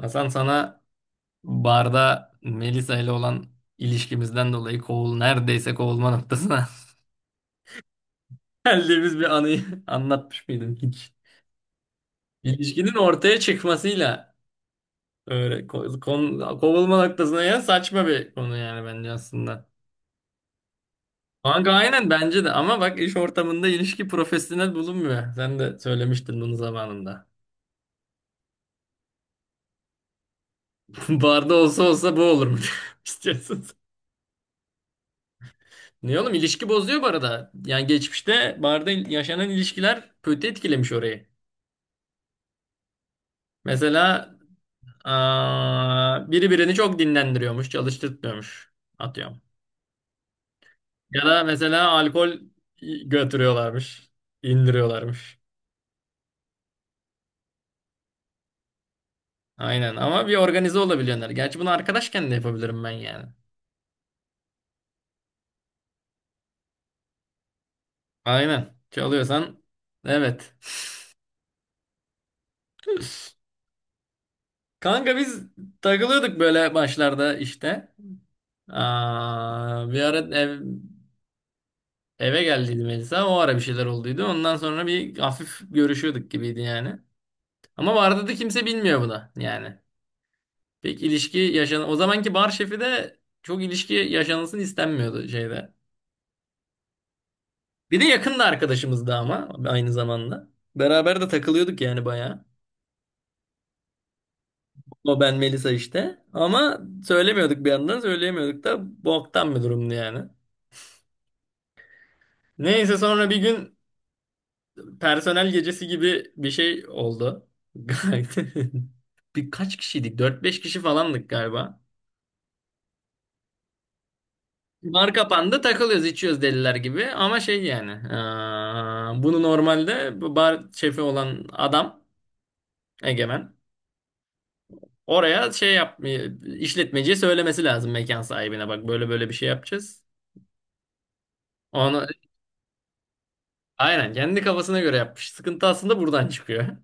Hasan, sana barda Melisa ile olan ilişkimizden dolayı neredeyse kovulma noktasına geldiğimiz bir anıyı anlatmış mıydım hiç? İlişkinin ortaya çıkmasıyla öyle kovulma noktasına, ya saçma bir konu yani bence aslında. Kanka aynen, bence de. Ama bak, iş ortamında ilişki profesyonel bulunmuyor. Sen de söylemiştin bunu zamanında. Barda olsa olsa bu olur mu? İstiyorsun. Ne oğlum, ilişki bozuyor bu arada. Yani geçmişte barda yaşanan ilişkiler kötü etkilemiş orayı. Mesela biri birini çok dinlendiriyormuş, çalıştırtmıyormuş. Atıyorum. Ya da mesela alkol götürüyorlarmış, indiriyorlarmış. Aynen, ama bir organize olabiliyorlar. Gerçi bunu arkadaşken de yapabilirim ben yani. Aynen. Çalıyorsan evet. Kanka, biz takılıyorduk böyle başlarda işte. Bir ara eve geldiydim Melisa, o ara bir şeyler olduydu. Ondan sonra bir hafif görüşüyorduk gibiydi yani. Ama vardı da kimse bilmiyor bu da yani. Pek ilişki yaşan O zamanki bar şefi de çok ilişki yaşanılsın istenmiyordu şeyde. Bir de yakın da arkadaşımızdı ama aynı zamanda. Beraber de takılıyorduk yani bayağı. O, ben, Melisa işte. Ama söylemiyorduk, bir yandan söyleyemiyorduk da, boktan bir durumdu yani. Neyse sonra bir gün personel gecesi gibi bir şey oldu. Gayet- Birkaç kişiydik. Dört beş kişi falandık galiba. Bar kapandı, takılıyoruz, içiyoruz deliler gibi ama şey yani bunu normalde bu bar şefi olan adam, Egemen, oraya şey yap işletmeciye söylemesi lazım, mekan sahibine, bak böyle böyle bir şey yapacağız. Onu, aynen kendi kafasına göre yapmış. Sıkıntı aslında buradan çıkıyor.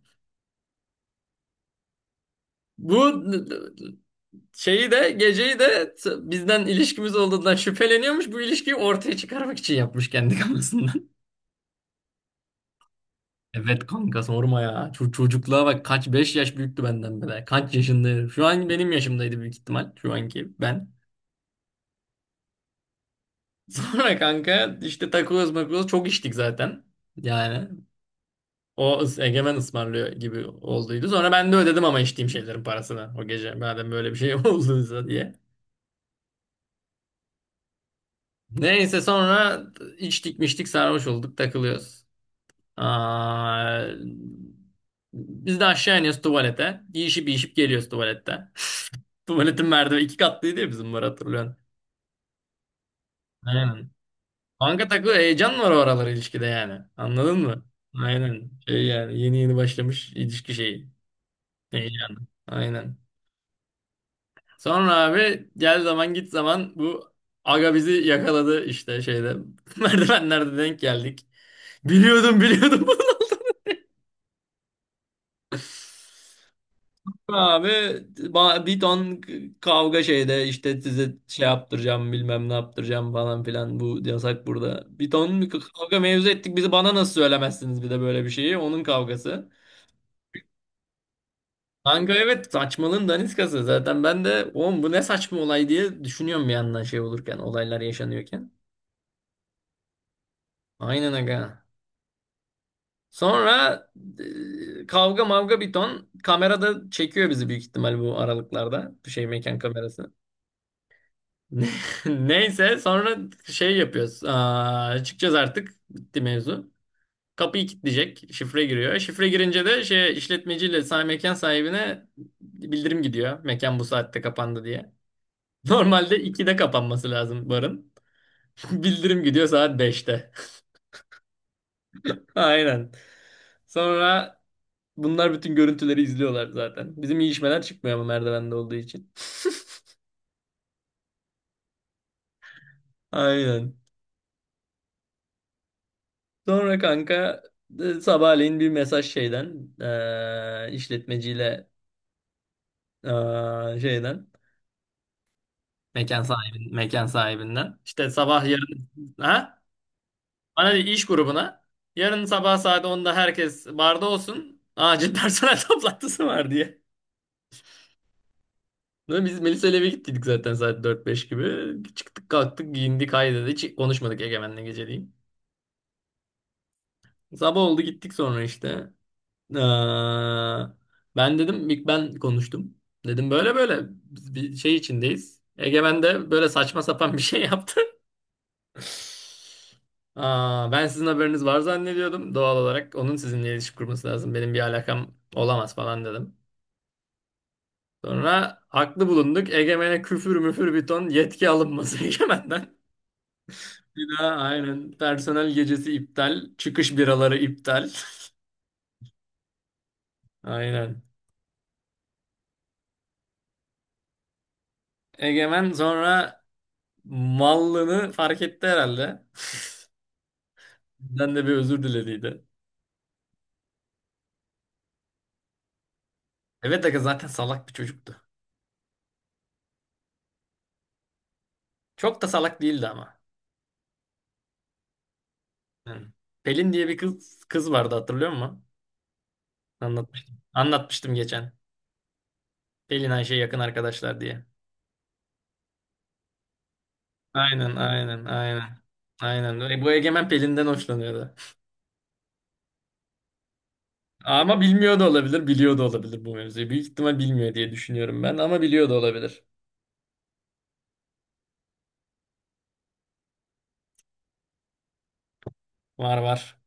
Bu şeyi de geceyi de bizden ilişkimiz olduğundan şüpheleniyormuş. Bu ilişkiyi ortaya çıkarmak için yapmış kendi kafasından. Evet kanka, sorma ya. Çocukluğa bak, kaç 5 yaş büyüktü benden bile. Kaç yaşında herif. Şu an benim yaşımdaydı büyük ihtimal. Şu anki ben. Sonra kanka işte, takılıyoruz makılıyoruz. Çok içtik zaten. Yani o Egemen ısmarlıyor gibi olduydu. Sonra ben de ödedim ama içtiğim şeylerin parasını, o gece. Madem böyle bir şey olduysa diye. Neyse sonra içtik miştik, sarhoş olduk, takılıyoruz. Aa, Biz de aşağı iniyoruz tuvalete. Yiyişip yiyişip geliyoruz tuvalette. Tuvaletin merdiveni iki katlıydı ya, bizim var, hatırlıyorsun. Aynen. Kanka heyecan var o aralar ilişkide yani. Anladın mı? Aynen. Şey yani, yeni yeni başlamış ilişki şeyi. Heyecanı. Aynen. Sonra abi, gel zaman git zaman, bu aga bizi yakaladı işte şeyde. Merdivenlerde denk geldik. Biliyordum, biliyordum. Abi, bir ton kavga şeyde işte, size şey yaptıracağım, bilmem ne yaptıracağım falan filan, bu yasak burada. Bir ton kavga mevzu ettik, bizi bana nasıl söylemezsiniz, bir de böyle bir şeyi, onun kavgası. Kanka evet, saçmalığın daniskası zaten. Ben de oğlum bu ne saçma olay diye düşünüyorum bir yandan, şey olurken, olaylar yaşanıyorken. Aynen aga. Sonra kavga mavga bir ton, kamerada çekiyor bizi büyük ihtimal bu aralıklarda, bir şey mekan kamerası. Ne- Neyse sonra şey yapıyoruz. Çıkacağız artık. Bitti mevzu. Kapıyı kilitleyecek. Şifre giriyor. Şifre girince de, şey, işletmeciyle sahibi, mekan sahibine, bildirim gidiyor. Mekan bu saatte kapandı diye. Normalde 2'de kapanması lazım barın. Bildirim gidiyor saat 5'te. Aynen. Sonra bunlar bütün görüntüleri izliyorlar zaten. Bizim iyi işmeler çıkmıyor ama merdivende olduğu için. Aynen. Sonra kanka, sabahleyin bir mesaj şeyden, işletmeciyle, e, şeyden, mekan sahibi, mekan sahibinden işte sabah yarın, ha, bana, de, iş grubuna yarın sabah saat 10'da herkes barda olsun, acil personel toplantısı var diye. Ve biz Melisa ile eve gittiydik zaten saat dört beş gibi. Çıktık, kalktık, giyindik, haydi, hiç konuşmadık Egemen'le geceliğin. Sabah oldu gittik sonra işte. Eee, Ben dedim, ilk ben konuştum. Dedim böyle böyle biz bir şey içindeyiz. Egemen de böyle saçma sapan bir şey yaptı. Ben sizin haberiniz var zannediyordum. Doğal olarak onun sizinle ilişki kurması lazım. Benim bir alakam olamaz falan dedim. Sonra haklı bulunduk. Egemen'e küfür müfür bir ton, yetki alınması Egemen'den. Bir daha aynen. Personel gecesi iptal. Çıkış biraları iptal. Aynen. Egemen sonra mallığını fark etti herhalde. Bizden de bir özür dilediydi. Evet aga, zaten salak bir çocuktu. Çok da salak değildi ama. Hı. Pelin diye bir kız vardı, hatırlıyor musun? Anlatmıştım. Anlatmıştım geçen. Pelin, Ayşe yakın arkadaşlar diye. Aynen, aynen, aynen. Aynen. Bu Egemen Pelin'den hoşlanıyordu. Ama bilmiyor da olabilir, biliyor da olabilir bu mevzuyu. Büyük ihtimal bilmiyor diye düşünüyorum ben, ama biliyor da olabilir. Var var.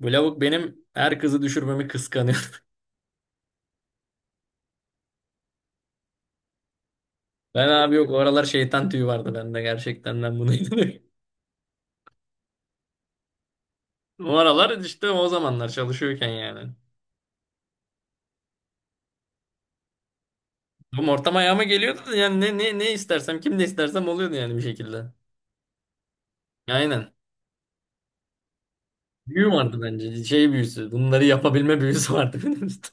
Bu lavuk benim her kızı düşürmemi kıskanıyor. Ben abi, yok, o aralar şeytan tüyü vardı bende, gerçekten ben buna inanıyorum. O aralar işte, o zamanlar çalışıyorken yani. Bu ortam ayağıma geliyordu da yani, ne istersem, kim ne istersem oluyordu yani bir şekilde. Aynen. Büyü vardı bence, şey büyüsü, bunları yapabilme büyüsü vardı benim işte.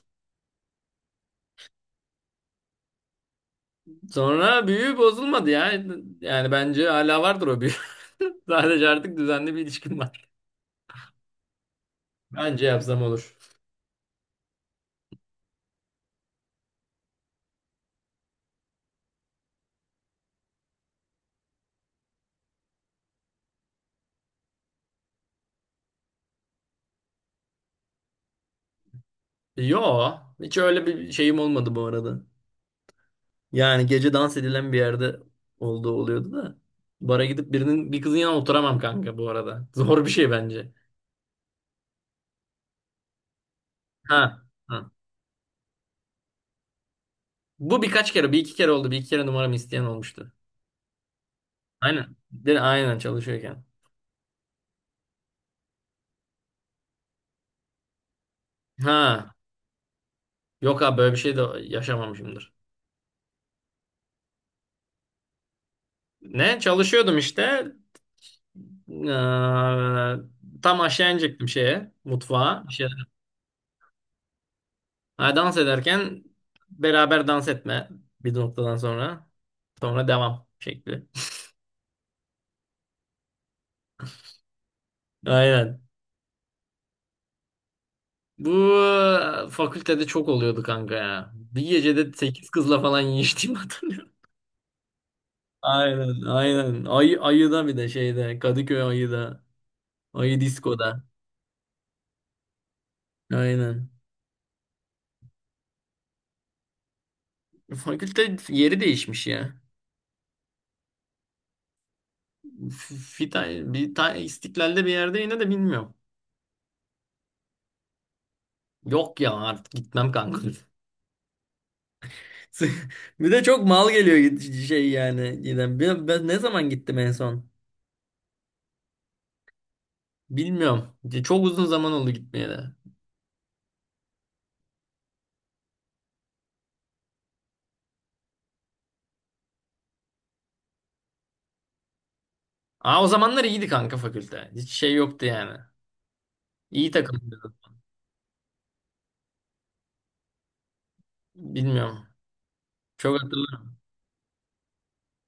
Sonra büyü bozulmadı ya. Yani bence hala vardır o büyü. Sadece artık düzenli bir ilişkim var. Bence yapsam olur. Yo, hiç öyle bir şeyim olmadı bu arada. Yani gece dans edilen bir yerde olduğu oluyordu da. Bara gidip birinin, bir kızın yanına oturamam kanka bu arada. Zor bir şey bence. Ha. Ha. Bu birkaç kere, bir iki kere oldu. Bir iki kere numaramı isteyen olmuştu. Aynen. De, aynen çalışıyorken. Ha. Yok abi, böyle bir şey de yaşamamışımdır. Ne? Çalışıyordum işte. Ee, Tam aşağı inecektim şeye, mutfağa. Bir şeyler- Ha, dans ederken, beraber dans etme bir noktadan sonra. Sonra devam şekli. Aynen. Bu fakültede çok oluyordu kanka ya. Bir gecede 8 kızla falan yiyiştiğimi hatırlıyorum. Aynen, aynen. Ayıda bir de şeyde. Kadıköy ayıda. Ayı diskoda. Aynen. Fakülte yeri değişmiş ya. Fita, İstiklal'de bir yerde, yine de bilmiyorum. Yok ya, artık gitmem kanka. Bir de çok mal geliyor, şey yani. Giden. Ben ne zaman gittim en son? Bilmiyorum. Çok uzun zaman oldu gitmeye de. O zamanlar iyiydi kanka fakülte. Hiç şey yoktu yani. İyi takılıyorduk. Bilmiyorum. Çok hatırlıyorum.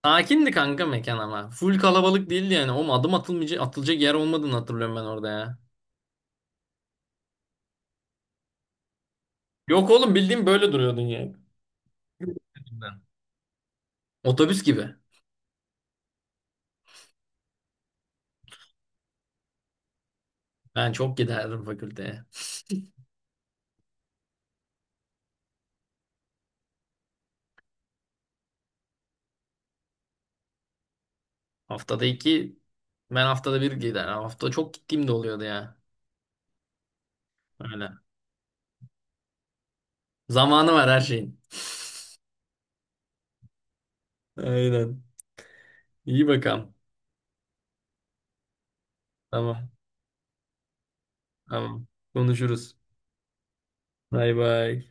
Sakindi kanka mekan ama. Full kalabalık değildi yani. Oğlum adım atılmayacak, atılacak yer olmadığını hatırlıyorum ben orada ya. Yok oğlum, bildiğim böyle duruyordun yani. Otobüs gibi. Ben çok giderdim fakülteye. Haftada iki, ben haftada bir gider. Hafta çok gittiğim de oluyordu ya. Öyle. Zamanı var her şeyin. Aynen. İyi bakalım. Tamam. Tamam. Konuşuruz. Bay bay.